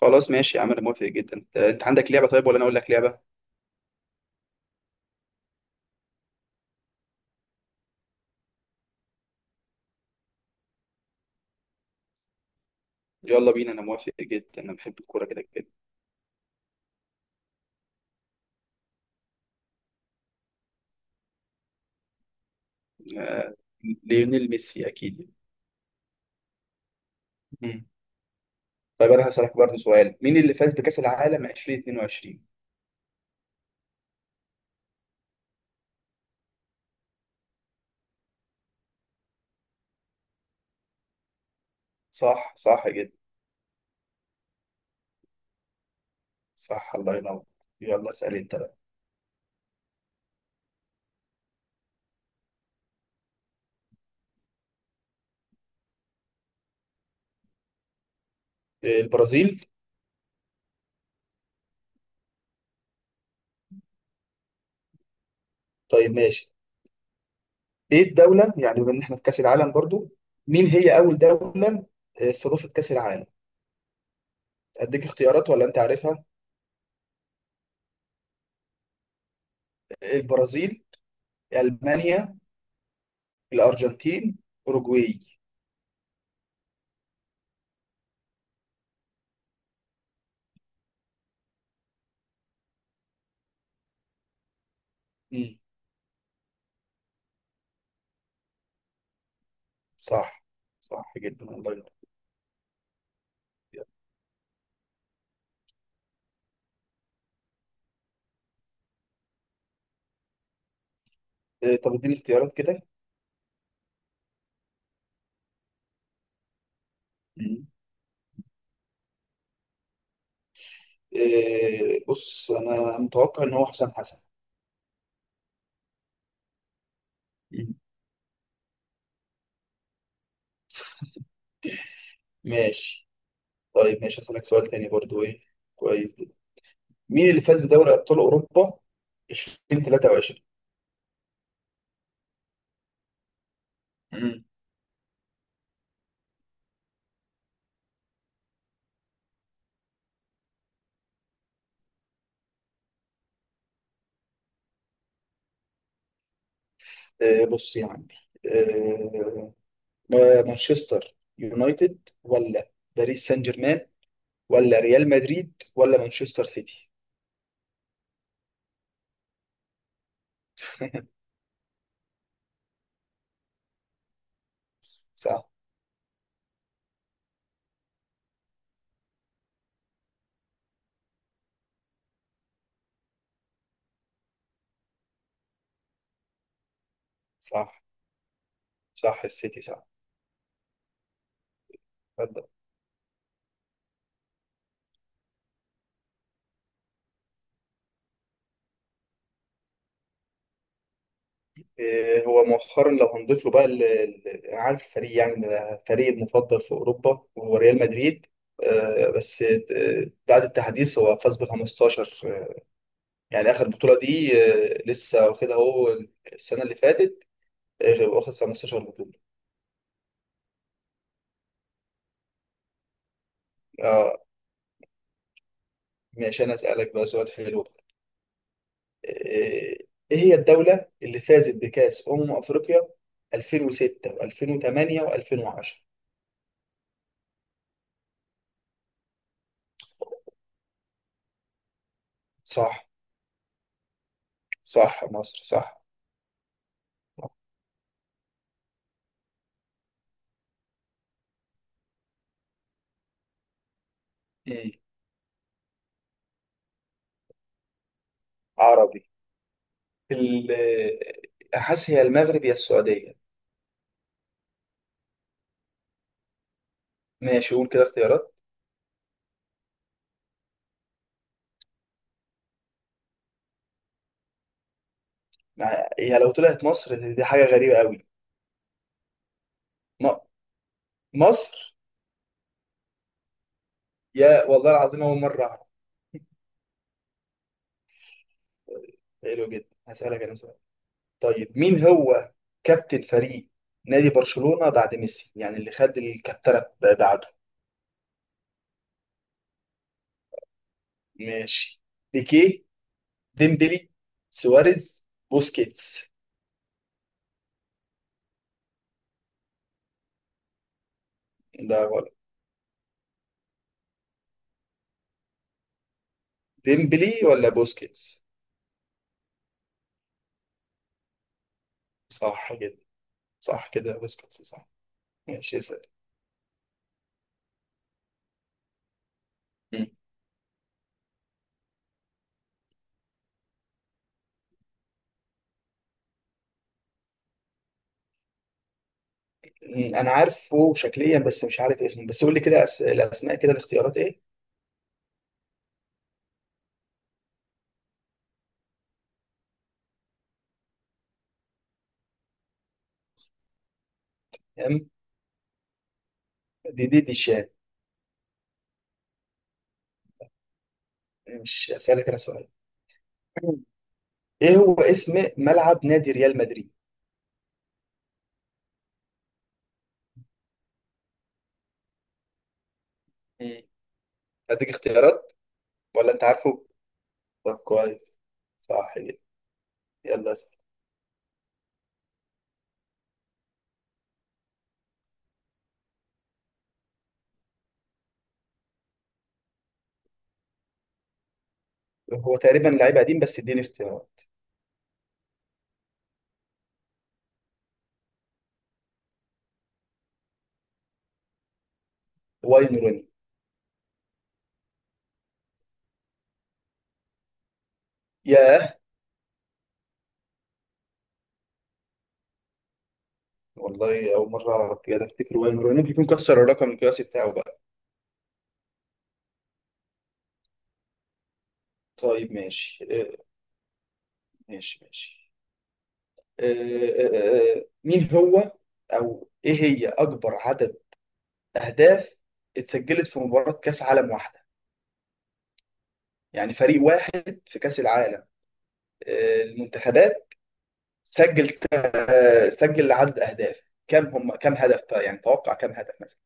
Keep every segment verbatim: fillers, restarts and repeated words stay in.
خلاص ماشي يا عم، انا موافق جدا. انت أنت عندك لعبه؟ طيب ولا انا اقول لك لعبه؟ يلا بينا، انا موافق جدا، انا بحب الكوره كده كده. آه، ليونيل ميسي اكيد. مم. طيب انا هسالك برضه سؤال: مين اللي فاز بكاس العالم ألفين واتنين وعشرين؟ صح صح جدا. صح، الله ينور. يلا اسال انت بقى. آه، البرازيل. طيب ماشي. ايه الدوله، يعني بما ان احنا في كاس العالم برضه، مين هي اول دوله آه، استضافت كاس العالم؟ اديك اختيارات ولا انت عارفها؟ آه، البرازيل، المانيا، الارجنتين، اوروجواي. صح، صح جدا، الله ينور. إيه، طب اديني اختيارات كده. مم. إيه، بص انا متوقع ان هو حسام حسن. مم. ماشي. طيب ماشي، هسألك سؤال تاني برضو. ايه؟ كويس جدا. مين اللي فاز بدوري ابطال اوروبا ألفين وتلاتة وعشرين؟ مم. آه، بص يا عمي، آه، ما- مانشستر يونايتد ولا باريس سان جيرمان ولا ريال مدريد ولا مانشستر سيتي؟ صح، صح صح السيتي صح. إيه، هو مؤخرا لو هنضيف له بقى ال- ال- انا عارف الفريق، يعني ده فريق المفضل في اوروبا وهو ريال مدريد. آه، بس آه، بعد التحديث هو فاز ب خمستاشر، يعني اخر بطوله دي آه، لسه واخدها هو السنه اللي فاتت. آه، واخد خمستاشر بطوله. اه. ماشي، انا اسالك بقى سؤال حلو. آه، ايه هي الدوله اللي فازت بكاس امم افريقيا ألفين وستة و2008 و2010؟ صح، صح مصر صح. مم. عربي. ال- حاسس هي المغرب يا السعودية. ماشي، قول كده اختيارات. مع... هي لو طلعت مصر دي دي حاجة غريبة قوي. م... مصر. يا والله العظيم، أول مرة أعرف. حلو جدا، هسألك أنا سؤال. طيب مين هو كابتن فريق نادي برشلونة بعد ميسي، يعني اللي خد الكابتنة ب- بعده؟ ماشي: بيكيه، ديمبلي، سواريز، بوسكيتس. ده غلط. ديمبلي ولا بوسكيتس؟ صح جدا. صح كده، بوسكيتس صح. ماشي اسأل. م، انا عارفه شكليا بس مش عارف اسمه. بس قول لي كده أس... الاسماء كده، الاختيارات ايه. ام دي دي دي شان. مش اسالك انا سؤال. مم. ايه هو اسم ملعب نادي ريال مدريد؟ م. اديك اختيارات ولا انت عارفه؟ طب كويس، صح جدا. يلا اسال. هو تقريبا لعيب قديم، بس اديني اختيارات. واين روني. ياه، والله اول مره اعرف كده. افتكر واين روني ممكن يكون كسر الرقم القياسي بتاعه بقى. طيب ماشي، إيه؟ ماشي ماشي. آه، مين هو، او ايه هي، اكبر عدد اهداف اتسجلت في مباراة كاس عالم واحدة؟ يعني فريق واحد في كاس العالم، آه، المنتخبات، سجل آه، سجل عدد اهداف كم، هم كم هدف؟ يعني توقع كم هدف مثلا.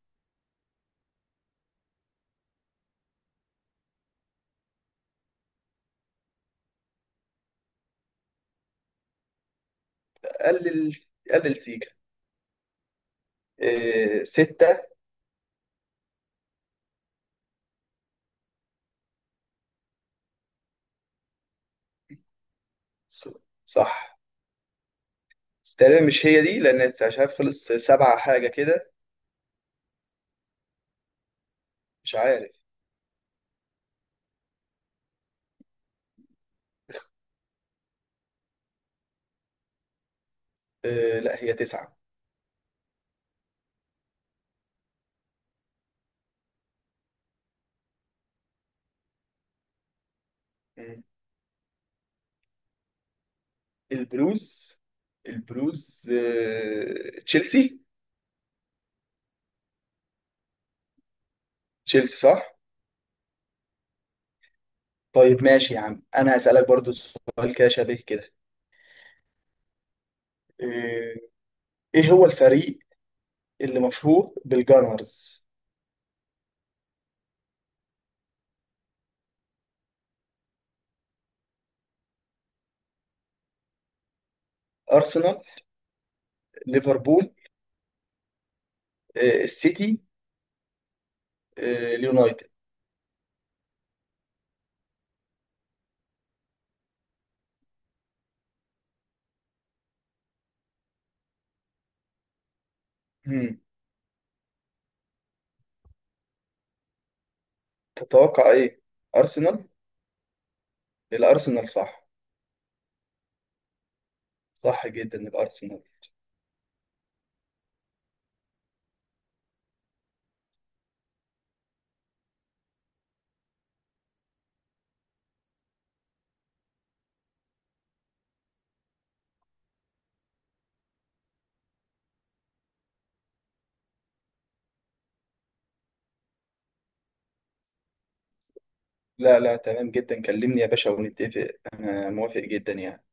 قلل قلل سيكا. آه، ستة. ص- صح. بس تقريبا مش هي دي، لان مش عارف، خلص سبعة حاجة كده، مش عارف. آه، لا، هي تسعة. البلوز؟ البلوز آه، تشيلسي. تشيلسي صح. طيب ماشي يا عم، انا هسألك برضو سؤال كده شبيه كده. آه، ايه هو الفريق اللي مشهور بالجانرز؟ ارسنال، ليفربول، آه، السيتي، آه، اليونايتد. هم، تتوقع ايه؟ ارسنال. الارسنال صح. صح جدا، الارسنال. لا لا، تمام جدا، كلمني يا باشا ونتفق. انا موافق جدا يعني.